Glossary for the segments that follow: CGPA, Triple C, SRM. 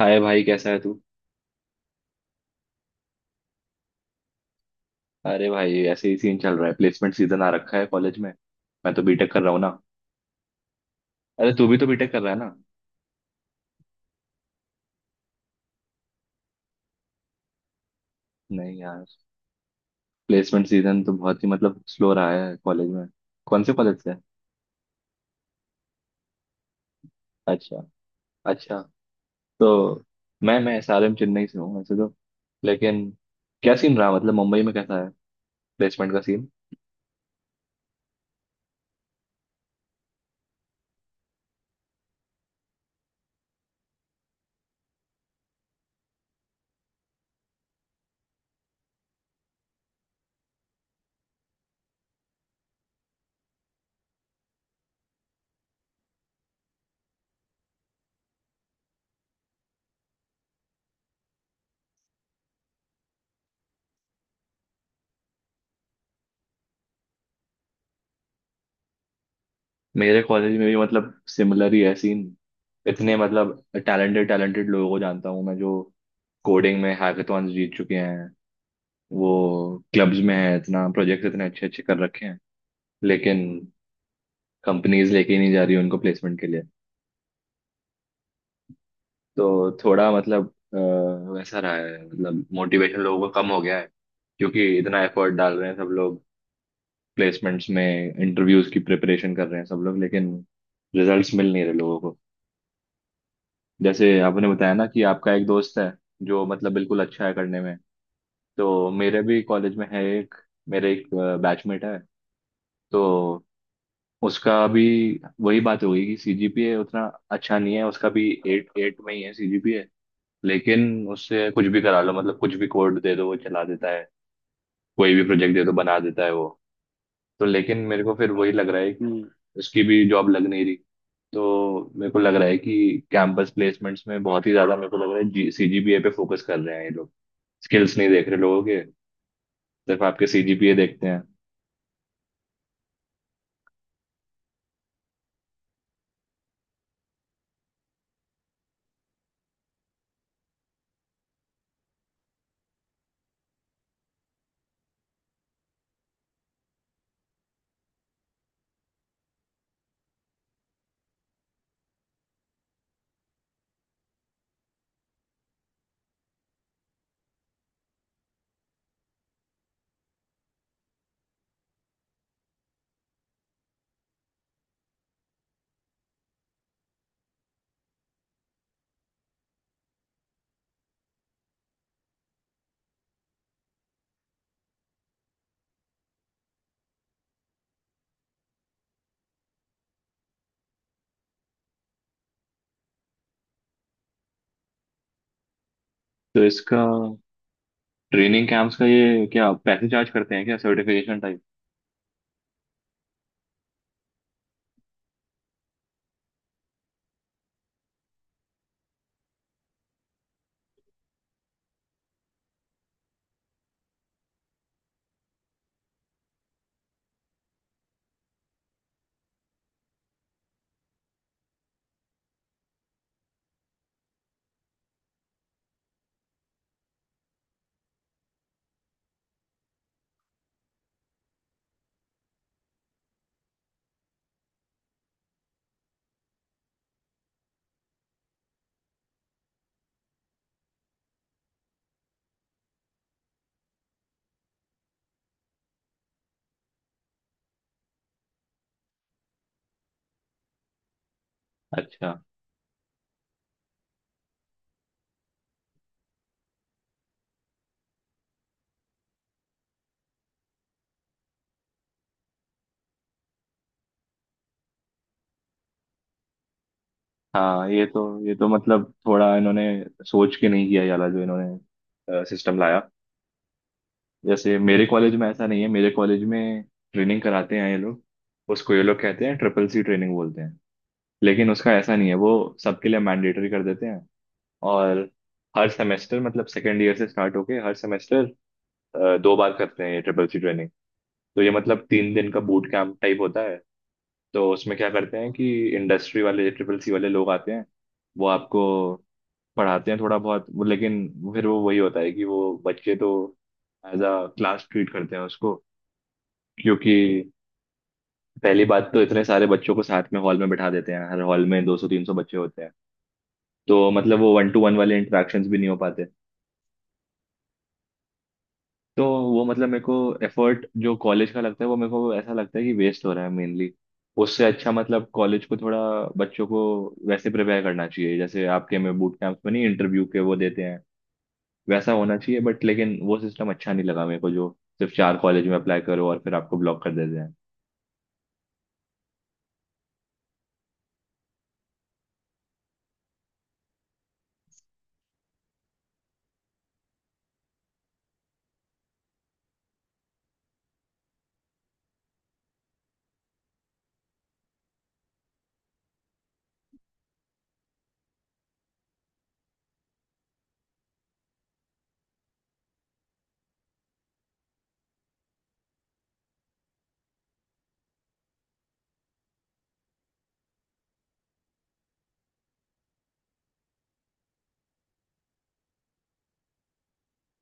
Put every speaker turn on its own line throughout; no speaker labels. हाय भाई, कैसा है तू? अरे भाई ऐसे ही सीन चल रहा है, प्लेसमेंट सीजन आ रखा है कॉलेज में। मैं तो बीटेक कर रहा हूँ ना। अरे तू भी तो बीटेक कर रहा है ना। नहीं यार, प्लेसमेंट सीजन तो बहुत ही मतलब स्लो रहा है कॉलेज में। कौन से कॉलेज से? अच्छा, अच्छा। तो मैं SRM चेन्नई से हूँ वैसे तो, लेकिन क्या सीन रहा, मतलब मुंबई में कैसा है, प्लेसमेंट का सीन? मेरे कॉलेज में भी मतलब सिमिलर ही है सीन। इतने मतलब टैलेंटेड टैलेंटेड लोगों को जानता हूँ मैं, जो कोडिंग में हैकाथॉन्स जीत चुके हैं, वो क्लब्स में है, इतना प्रोजेक्ट इतने अच्छे अच्छे कर रखे हैं, लेकिन कंपनीज लेके ही नहीं जा रही उनको प्लेसमेंट के लिए। तो थोड़ा मतलब अ, वैसा रहा है, मतलब मोटिवेशन लोगों का कम हो गया है क्योंकि इतना एफर्ट डाल रहे हैं सब लोग प्लेसमेंट्स में, इंटरव्यूज की प्रिपरेशन कर रहे हैं सब लोग, लेकिन रिजल्ट्स मिल नहीं रहे लोगों को। जैसे आपने बताया ना कि आपका एक दोस्त है जो मतलब बिल्कुल अच्छा है करने में, तो मेरे भी कॉलेज में है एक, मेरे एक बैचमेट है। तो उसका अभी वही बात हो गई कि सीजीपीए उतना अच्छा नहीं है, उसका भी एट एट में ही है सीजीपीए, लेकिन उससे कुछ भी करा लो, मतलब कुछ भी कोड दे दो वो चला देता है, कोई भी प्रोजेक्ट दे दो बना देता है वो। तो लेकिन मेरे को फिर वही लग रहा है कि उसकी भी जॉब लग नहीं रही। तो मेरे को लग रहा है कि कैंपस प्लेसमेंट्स में बहुत ही ज्यादा मेरे को लग रहा है जी सीजीपीए पे फोकस कर रहे हैं ये लोग, स्किल्स नहीं देख रहे लोगों के, सिर्फ आपके सीजीपीए देखते हैं। तो इसका ट्रेनिंग कैंप्स का ये क्या पैसे चार्ज करते हैं क्या, सर्टिफिकेशन टाइप? अच्छा। हाँ, ये तो मतलब थोड़ा इन्होंने सोच के नहीं किया ये वाला जो इन्होंने सिस्टम लाया। जैसे मेरे कॉलेज में ऐसा नहीं है, मेरे कॉलेज में ट्रेनिंग कराते हैं ये लोग, उसको ये लोग कहते हैं, CCC ट्रेनिंग बोलते हैं। लेकिन उसका ऐसा नहीं है वो सबके लिए मैंडेटरी कर देते हैं। और हर सेमेस्टर, मतलब सेकेंड ईयर से स्टार्ट होके हर सेमेस्टर दो बार करते हैं ये CCC ट्रेनिंग। तो ये मतलब 3 दिन का बूट कैंप टाइप होता है। तो उसमें क्या करते हैं कि इंडस्ट्री वाले CCC वाले लोग आते हैं, वो आपको पढ़ाते हैं थोड़ा बहुत, लेकिन फिर वो वही होता है कि वो बच्चे तो एज अ क्लास ट्रीट करते हैं उसको, क्योंकि पहली बात तो इतने सारे बच्चों को साथ में हॉल में बैठा देते हैं, हर हॉल में 200-300 बच्चे होते हैं। तो मतलब वो 1-to-1 वाले इंटरेक्शंस भी नहीं हो पाते। तो वो मतलब मेरे को एफर्ट जो कॉलेज का लगता है वो मेरे को ऐसा लगता है कि वेस्ट हो रहा है मेनली। उससे अच्छा मतलब कॉलेज को थोड़ा बच्चों को वैसे प्रिपेयर करना चाहिए, जैसे आपके में बूट कैंप्स में नहीं, इंटरव्यू के वो देते हैं, वैसा होना चाहिए। बट लेकिन वो सिस्टम अच्छा नहीं लगा मेरे को, जो सिर्फ चार कॉलेज में अप्लाई करो और फिर आपको ब्लॉक कर देते हैं।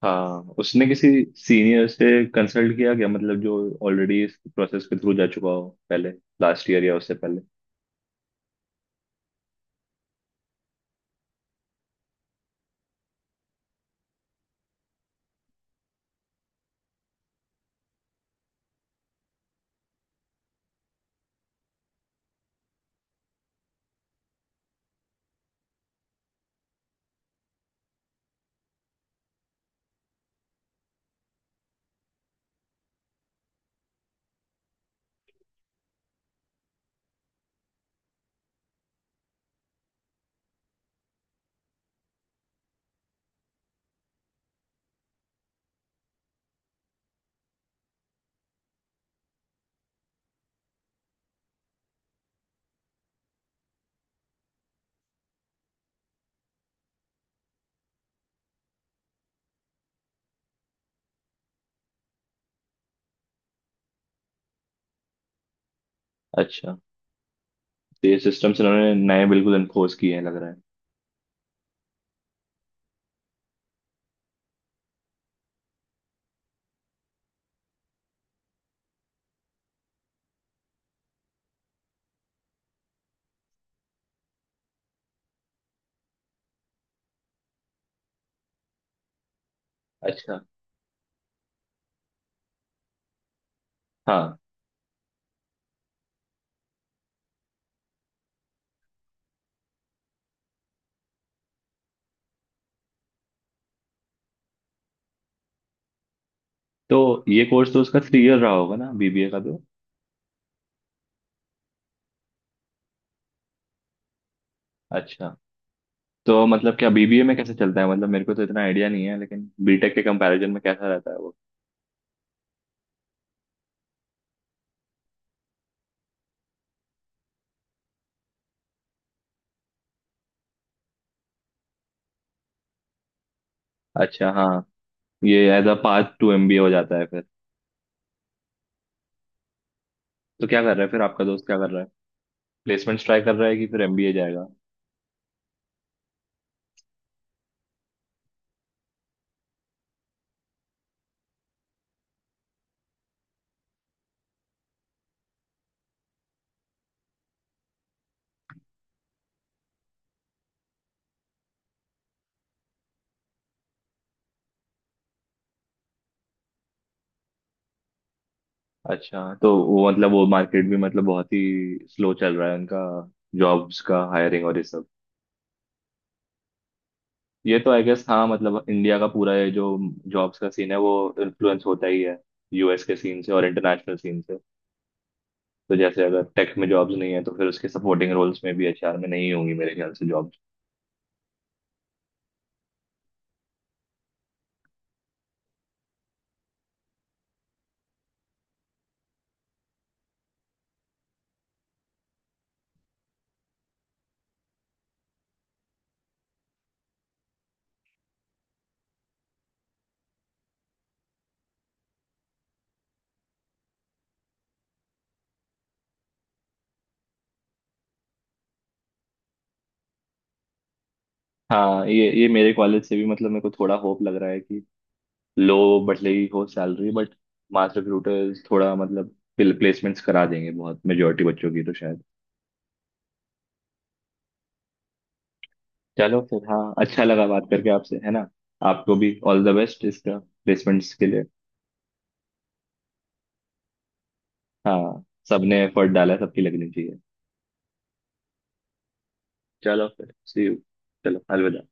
हाँ, उसने किसी सीनियर से कंसल्ट किया क्या, मतलब जो ऑलरेडी इस प्रोसेस के थ्रू जा चुका हो, पहले, लास्ट ईयर या उससे पहले? अच्छा। तो ये सिस्टम्स इन्होंने नए बिल्कुल इन्फोर्स किए हैं लग रहा है। अच्छा। हाँ, तो ये कोर्स तो उसका 3 ईयर रहा होगा ना, बीबीए का? तो अच्छा। तो मतलब क्या बीबीए में कैसे चलता है, मतलब मेरे को तो इतना आइडिया नहीं है, लेकिन बीटेक के कंपैरिजन में कैसा रहता है वो? अच्छा, हाँ। ये एज अ पार्ट 2 एमबीए हो जाता है फिर। तो क्या कर रहा है फिर आपका दोस्त, क्या कर रहा है, प्लेसमेंट्स ट्राई कर रहा है कि फिर एमबीए जाएगा? अच्छा, तो वो मतलब वो मार्केट भी मतलब बहुत ही स्लो चल रहा है उनका, जॉब्स का हायरिंग और ये सब। ये तो आई गेस हाँ, मतलब इंडिया का पूरा ये जो जॉब्स का सीन है वो इन्फ्लुएंस होता ही है US के सीन से और इंटरनेशनल सीन से। तो जैसे अगर टेक में जॉब्स नहीं है तो फिर उसके सपोर्टिंग रोल्स में भी, HR में नहीं होंगी मेरे ख्याल से जॉब्स। हाँ, ये मेरे कॉलेज से भी मतलब मेरे को थोड़ा होप लग रहा है कि लो बट लगी हो सैलरी, बट मास रिक्रूटर्स थोड़ा मतलब प्लेसमेंट्स करा देंगे बहुत मेजोरिटी बच्चों की तो शायद। चलो फिर, हाँ, अच्छा लगा बात करके आपसे, है ना? आपको भी ऑल द बेस्ट इसका, प्लेसमेंट्स के लिए। हाँ, सबने एफर्ट डाला है, सबकी लगनी चाहिए। चलो फिर, सी यू। चलो अलविदा।